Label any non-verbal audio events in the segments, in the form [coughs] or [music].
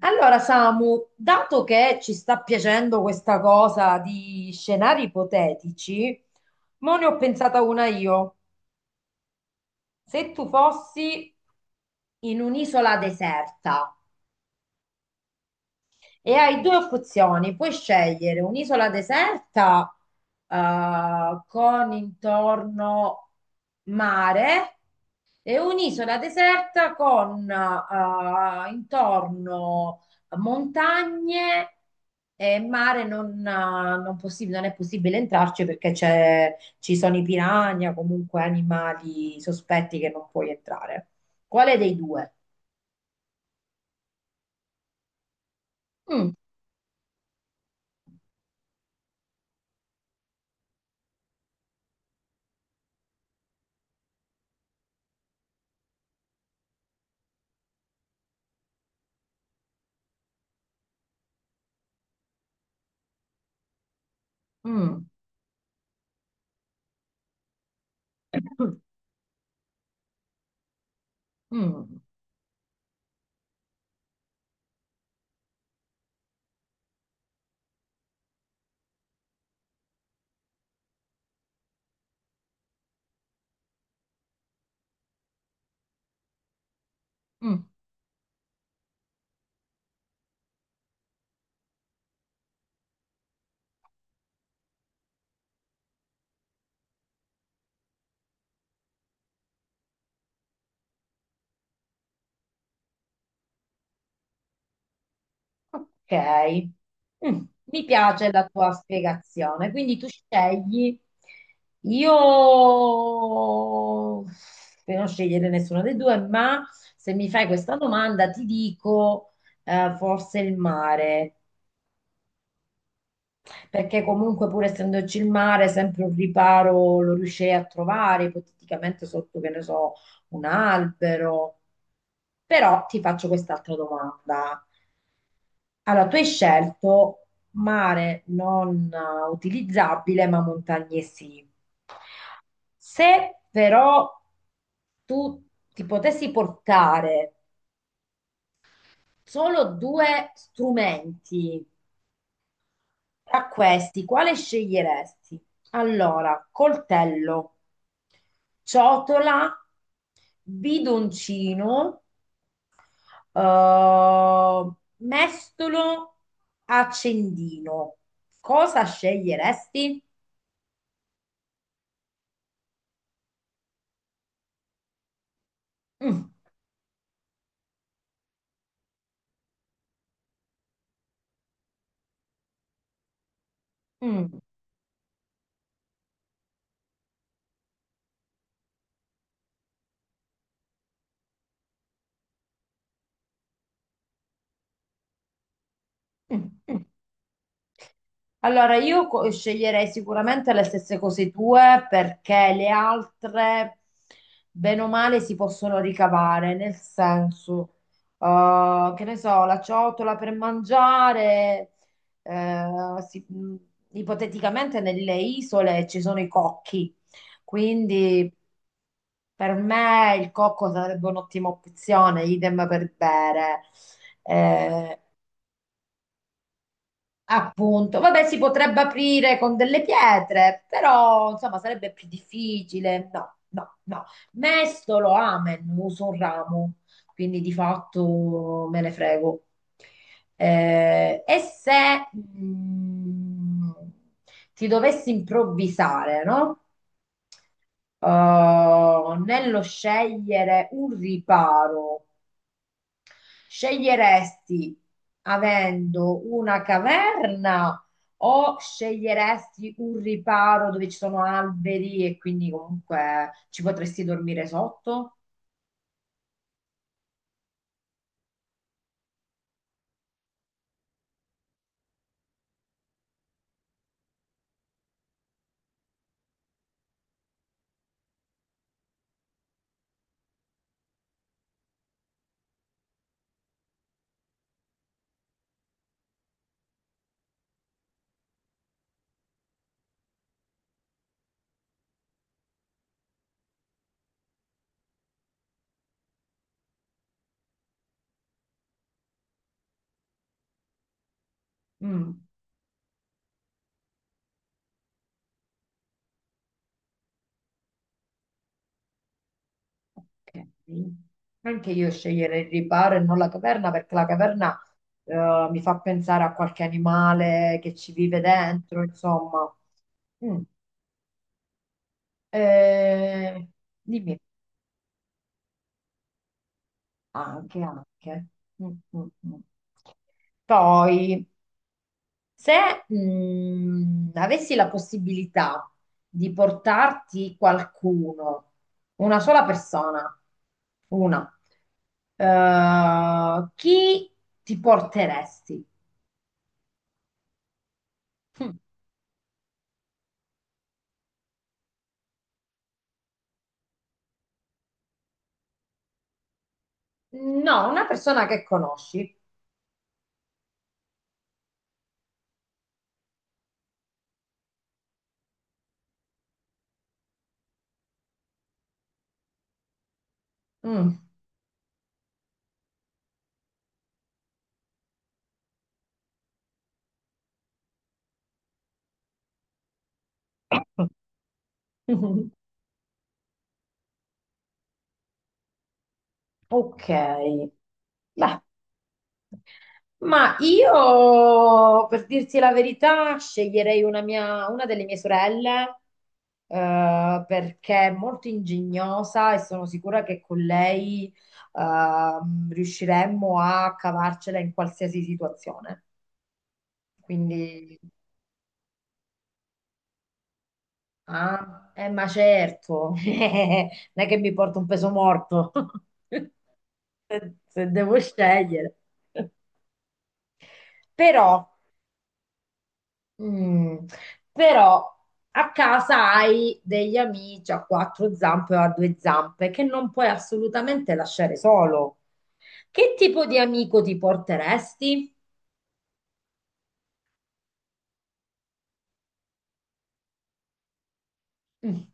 Allora, Samu, dato che ci sta piacendo questa cosa di scenari ipotetici, mo ne ho pensata una io. Se tu fossi in un'isola deserta e hai due opzioni, puoi scegliere un'isola deserta con intorno mare. È un'isola deserta con intorno montagne e mare non è possibile entrarci perché ci sono i piranha, comunque animali sospetti che non puoi entrare. Quale dei due? Mm, mm, [coughs] [clears throat] mm, mm. Ok, mm, mi piace la tua spiegazione, quindi tu scegli, io per non scegliere nessuno dei due, ma se mi fai questa domanda ti dico forse il mare, perché comunque pur essendoci il mare, sempre un riparo lo riuscirei a trovare, ipoteticamente sotto, che ne so, un albero. Però ti faccio quest'altra domanda. Allora, tu hai scelto mare non utilizzabile, ma montagne sì. Se però tu ti potessi portare solo due strumenti, tra questi, quale sceglieresti? Allora, coltello, ciotola, bidoncino, eh, mestolo, accendino. Cosa sceglieresti? Mm, mm, mm, mm. Allora, io sceglierei sicuramente le stesse cose tue perché le altre, bene o male, si possono ricavare, nel senso, che ne so, la ciotola per mangiare, eh, si- mh, ipoteticamente nelle isole ci sono i cocchi, quindi per me il cocco sarebbe un'ottima opzione, idem per bere. Eh, Appunto, vabbè, si potrebbe aprire con delle pietre, però insomma sarebbe più difficile. No, no, no. Mestolo, amen, uso un ramo, quindi di fatto me ne frego. E se ti dovessi improvvisare, no? Nello scegliere un riparo. Sceglieresti avendo una caverna o sceglieresti un riparo dove ci sono alberi e quindi comunque ci potresti dormire sotto? Mm, ok. Anche io sceglierei il riparo e non la caverna perché la caverna mi fa pensare a qualche animale che ci vive dentro, insomma. Mm. Eh, dimmi, anche, anche. Mm, mm, mm. Poi Se Avessi la possibilità di portarti qualcuno, una sola persona, una, chi ti porteresti? Hm. No, una persona che conosci. Mm. [laughs] Ok, beh, ma io, per dirti la verità, sceglierei una delle mie sorelle, perché è molto ingegnosa e sono sicura che con lei, riusciremmo a cavarcela in qualsiasi situazione. Quindi, ma certo, [laughs] non è che mi porto un peso morto, [laughs] se devo scegliere. Però mm, però a casa hai degli amici a quattro zampe o a due zampe che non puoi assolutamente lasciare solo. Che tipo di amico ti porteresti? Mm.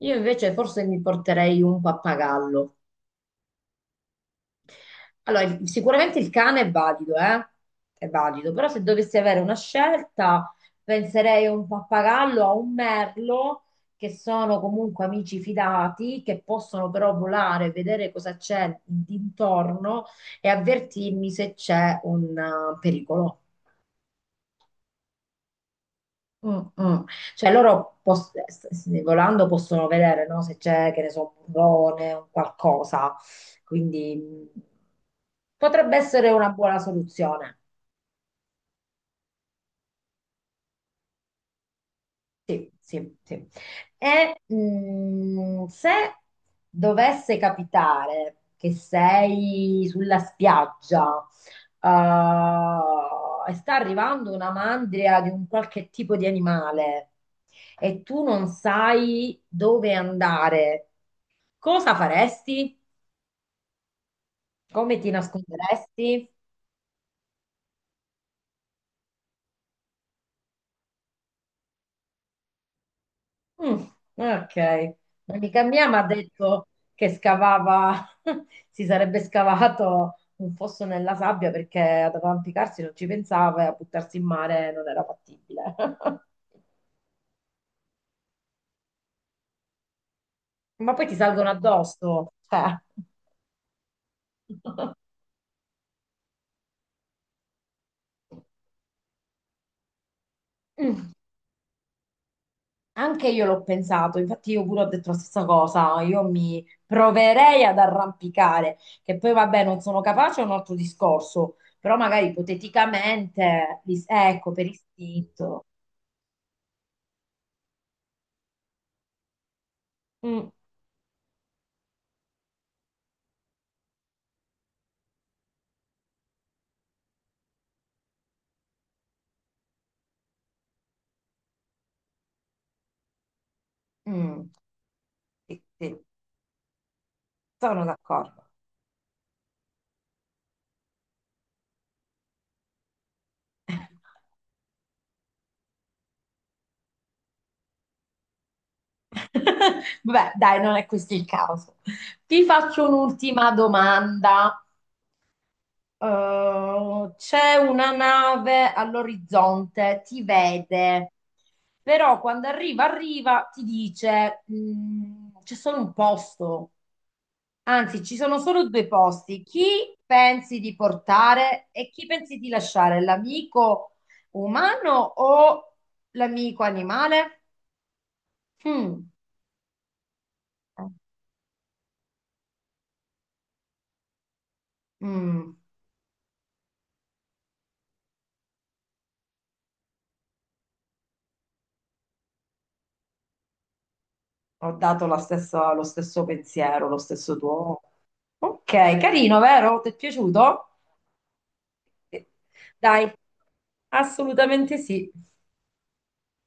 Io invece forse mi porterei un pappagallo. Allora, sicuramente il cane è valido, eh? È valido, però se dovessi avere una scelta, penserei a un pappagallo, a un merlo, che sono comunque amici fidati, che possono però volare, vedere cosa c'è d'intorno e avvertirmi se c'è un pericolo. Mm, mm. Cioè loro pos- s- s- volando possono vedere, no? Se c'è, che ne so, un burrone, un qualcosa. Quindi mm, potrebbe essere una buona soluzione. Sì, sì, sì. Se dovesse capitare che sei sulla spiaggia eh, e sta arrivando una mandria di un qualche tipo di animale e tu non sai dove andare, cosa faresti? Come ti nasconderesti? Mm, ok, un'amica mia mi ha detto che scavava, [laughs] si sarebbe scavato un fosso nella sabbia perché ad arrampicarsi non ci pensava e a buttarsi in mare non era fattibile. [laughs] Ma poi ti salgono addosso, cioè. [laughs] Anche io l'ho pensato, infatti io pure ho detto la stessa cosa, io mi proverei ad arrampicare, che poi vabbè non sono capace è un altro discorso, però magari ipoteticamente, ecco, per istinto. Mm, mm. Sì, sì, sono d'accordo. [laughs] Vabbè, dai, non è questo il caso. Ti faccio un'ultima domanda. C'è una nave all'orizzonte, ti vede, però quando arriva, arriva, ti dice, "Mm, c'è solo un posto, anzi, ci sono solo due posti. Chi pensi di portare e chi pensi di lasciare? L'amico umano o l'amico animale? Mm. Mm, ho dato lo stesso pensiero, lo stesso tuo. Ok, carino, vero? Ti è piaciuto? Eh, Dai, assolutamente sì.